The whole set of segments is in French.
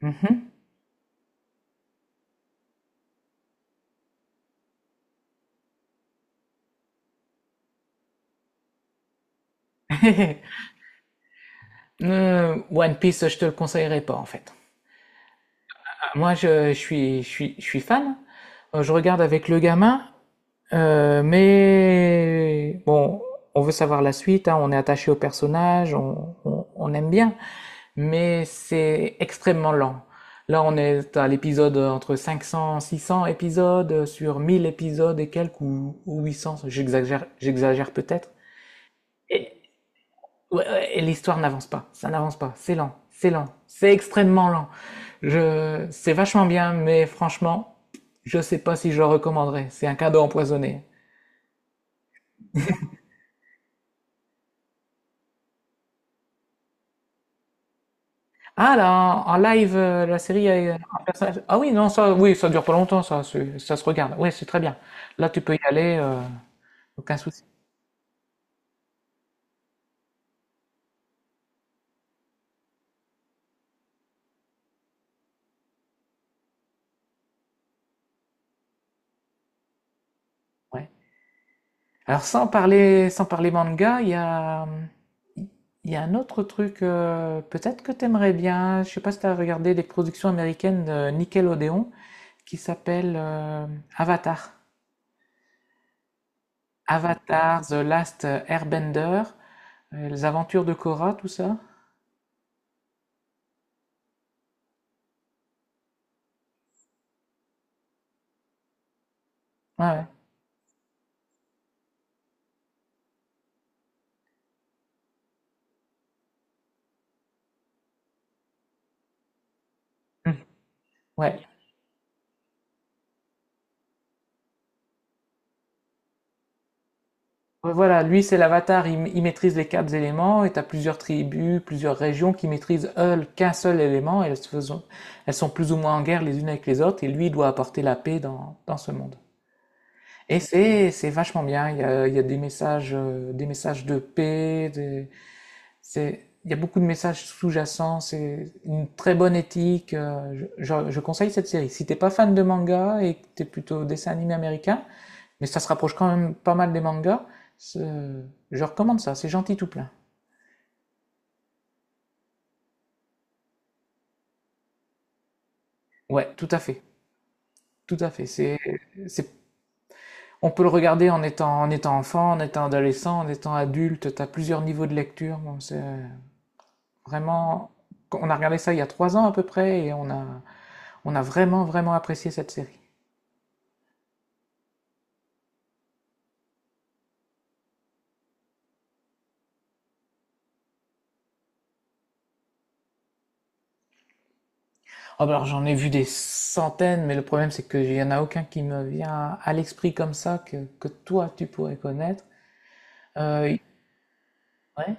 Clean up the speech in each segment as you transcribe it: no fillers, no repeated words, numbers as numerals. Mhm. One Piece, je te le conseillerais pas en fait. Moi, je suis fan. Je regarde avec le gamin, mais bon, on veut savoir la suite, hein. On est attaché au personnage, on aime bien, mais c'est extrêmement lent. Là, on est à l'épisode entre 500, 600 épisodes sur 1 000 épisodes et quelques ou 800. J'exagère, j'exagère peut-être. Ouais, ouais, et l'histoire n'avance pas, ça n'avance pas, c'est lent, c'est lent, c'est extrêmement lent. C'est vachement bien, mais franchement, je sais pas si je le recommanderais. C'est un cadeau empoisonné. Ah là, en live, la série a un personnage. Ah oui, non, ça, oui, ça dure pas longtemps, ça, ça se regarde. Oui, c'est très bien. Là, tu peux y aller, aucun souci. Ouais. Alors, sans parler manga, il y a un autre truc, peut-être que t'aimerais bien. Je sais pas si t'as regardé des productions américaines de Nickelodeon, qui s'appelle Avatar. Avatar, The Last Airbender, Les Aventures de Korra, tout ça. Ouais. Ouais. Ouais. Ouais, voilà, lui c'est l'avatar, il maîtrise les quatre éléments et t'as plusieurs tribus, plusieurs régions qui maîtrisent elles qu'un seul élément et elles sont plus ou moins en guerre les unes avec les autres et lui il doit apporter la paix dans ce monde. Et c'est vachement bien, il y a des messages, des messages de paix, des. Il y a beaucoup de messages sous-jacents, c'est une très bonne éthique. Je conseille cette série. Si t'es pas fan de manga et que t'es plutôt dessin animé américain, mais ça se rapproche quand même pas mal des mangas, je recommande ça. C'est gentil tout plein. Ouais, tout à fait, tout à fait. C'est, on peut le regarder en étant enfant, en étant adolescent, en étant adulte. T'as plusieurs niveaux de lecture. Bon, vraiment, on a regardé ça il y a 3 ans à peu près et on a vraiment, vraiment apprécié cette série. Oh, bah alors j'en ai vu des centaines, mais le problème c'est qu'il n'y en a aucun qui me vient à l'esprit comme ça que toi tu pourrais connaître. Euh, ouais.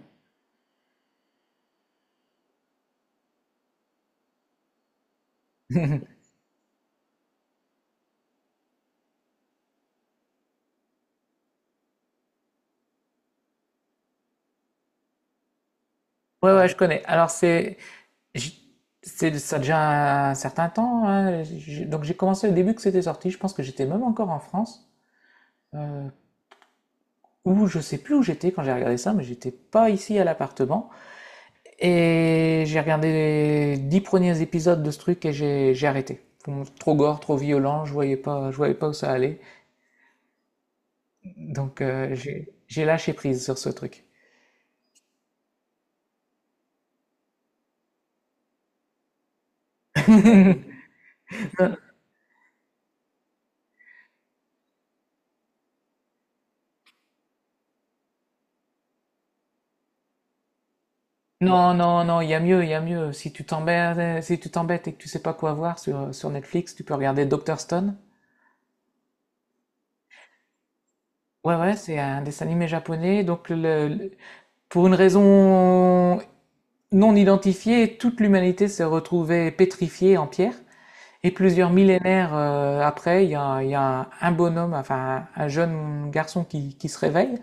Ouais, ouais, je connais. Alors j- c'est ça a déjà un certain temps, hein. Donc j'ai commencé au début que c'était sorti. Je pense que j'étais même encore en France, euh, ou je sais plus où j'étais quand j'ai regardé ça, mais j'étais pas ici à l'appartement. Et j'ai regardé les 10 premiers épisodes de ce truc et j'ai arrêté. Trop gore, trop violent, je voyais pas où ça allait. Donc, j'ai lâché prise sur ce truc. Non, non, non, il y a mieux, il y a mieux. Si tu t'embêtes, si tu t'embêtes et que tu sais pas quoi voir sur Netflix, tu peux regarder Dr. Stone. Ouais, ouais, c'est un dessin animé japonais. Donc, pour une raison non identifiée, toute l'humanité s'est retrouvée pétrifiée en pierre. Et plusieurs millénaires après, il y a un bonhomme, enfin un jeune garçon qui se réveille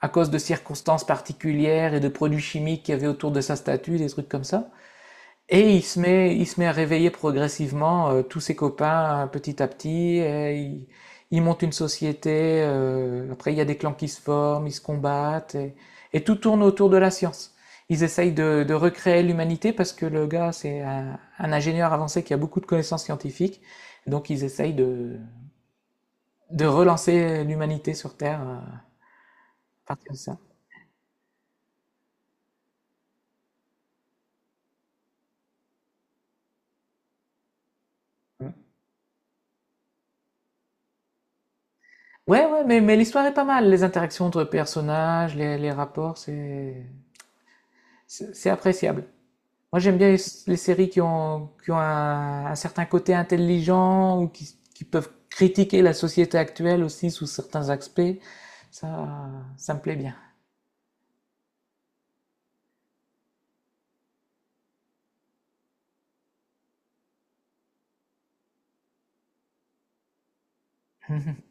à cause de circonstances particulières et de produits chimiques qu'il y avait autour de sa statue, des trucs comme ça. Et il se met à réveiller progressivement tous ses copains petit à petit. Et il monte une société. Après, il y a des clans qui se forment, ils se combattent. Et tout tourne autour de la science. Ils essayent de recréer l'humanité parce que le gars, c'est un ingénieur avancé qui a beaucoup de connaissances scientifiques. Donc, ils essayent de relancer l'humanité sur Terre à partir de ça. Mmh. Ouais, ouais, mais l'histoire est pas mal. Les interactions entre personnages, les rapports, c'est appréciable. Moi, j'aime bien les séries qui ont un certain côté intelligent ou qui peuvent critiquer la société actuelle aussi sous certains aspects. Ça, ça me plaît bien.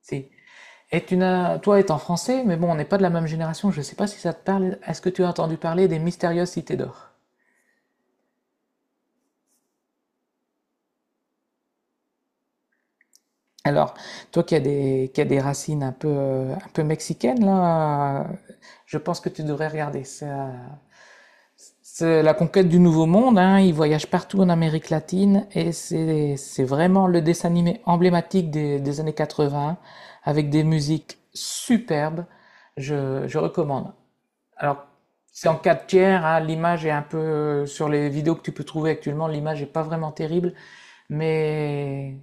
Si. Et tu n'as, toi étant français, mais bon, on n'est pas de la même génération, je ne sais pas si ça te parle. Est-ce que tu as entendu parler des mystérieuses cités d'or? Alors, toi qui as des racines un peu mexicaines, là, je pense que tu devrais regarder. C'est la conquête du Nouveau Monde, hein, ils voyagent partout en Amérique latine et c'est vraiment le dessin animé emblématique des années 80 avec des musiques superbes. Je recommande. Alors, c'est en 4 tiers, hein, l'image est un peu, sur les vidéos que tu peux trouver actuellement, l'image est pas vraiment terrible, mais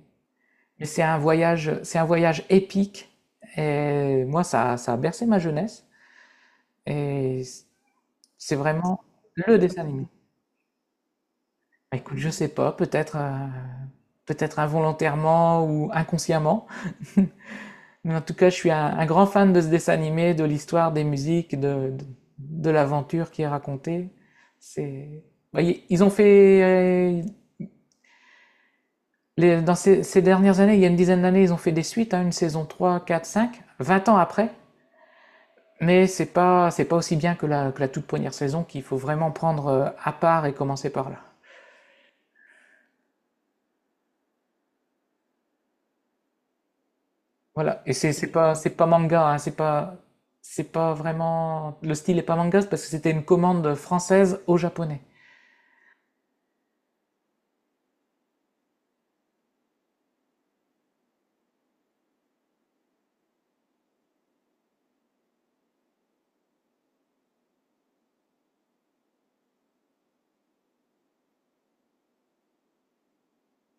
mais c'est un voyage épique. Et moi, ça a bercé ma jeunesse. Et c'est vraiment le dessin animé. Bah, écoute, je sais pas, peut-être involontairement ou inconsciemment. Mais en tout cas, je suis un grand fan de ce dessin animé, de l'histoire, des musiques, de l'aventure qui est racontée. C'est, bah, ils ont fait, dans ces dernières années, il y a une dizaine d'années, ils ont fait des suites, hein, une saison 3, 4, 5. 20 ans après. Mais c'est pas aussi bien que que la toute première saison qu'il faut vraiment prendre à part et commencer par là. Voilà. Et c'est pas manga, hein, c'est pas vraiment, le style est pas manga, c'est parce que c'était une commande française au japonais.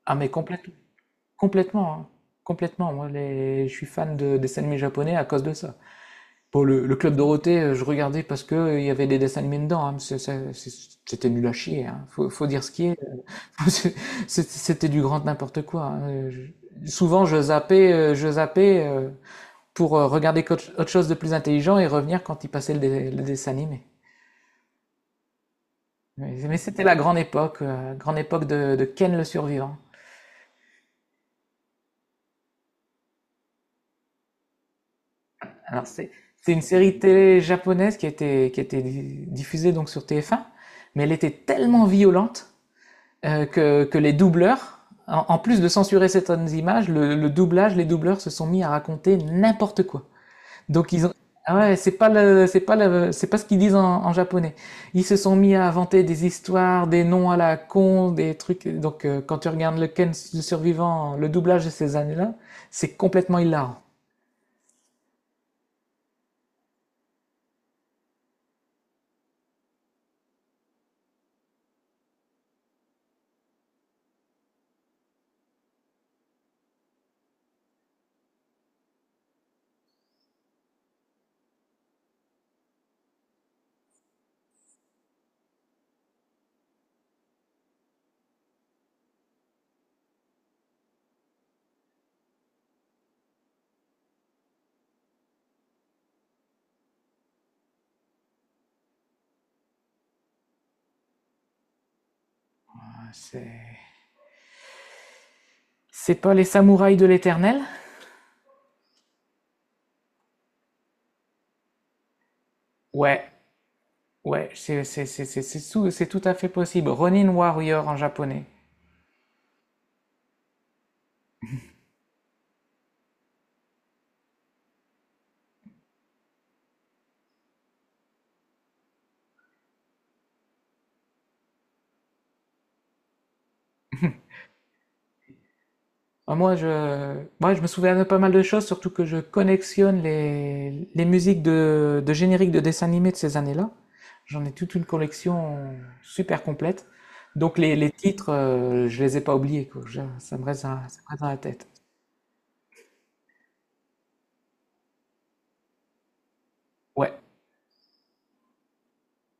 Ah, mais complètement, hein. Complètement. Moi, je suis fan de dessins animés japonais à cause de ça. Bon, le Club Dorothée, je regardais parce que il y avait des dessins animés dedans, hein, mais c'était nul à chier, hein. Faut dire ce qui est. C'était du grand n'importe quoi, hein. Souvent, je zappais, pour regarder autre chose de plus intelligent et revenir quand il passait le dessin animé. Mais c'était la grande époque, de Ken le Survivant. Alors c'est une série télé japonaise qui était diffusée donc sur TF1, mais elle était tellement violente que les doubleurs, en plus de censurer certaines images, le doublage, les doubleurs se sont mis à raconter n'importe quoi. Donc ils ont, ah ouais, c'est pas ce qu'ils disent en japonais. Ils se sont mis à inventer des histoires, des noms à la con, des trucs. Donc quand tu regardes le Ken le survivant, le doublage de ces années-là, c'est complètement hilarant. C'est, c'est pas les samouraïs de l'éternel? Ouais, ouais, c'est tout à fait possible. Ronin Warrior en japonais. Ah, moi, je me souviens de pas mal de choses, surtout que je collectionne les musiques de génériques de dessins animés de ces années-là. J'en ai toute une collection super complète. Donc les titres, je les ai pas oubliés, quoi. Ça me reste dans la tête. Ouais.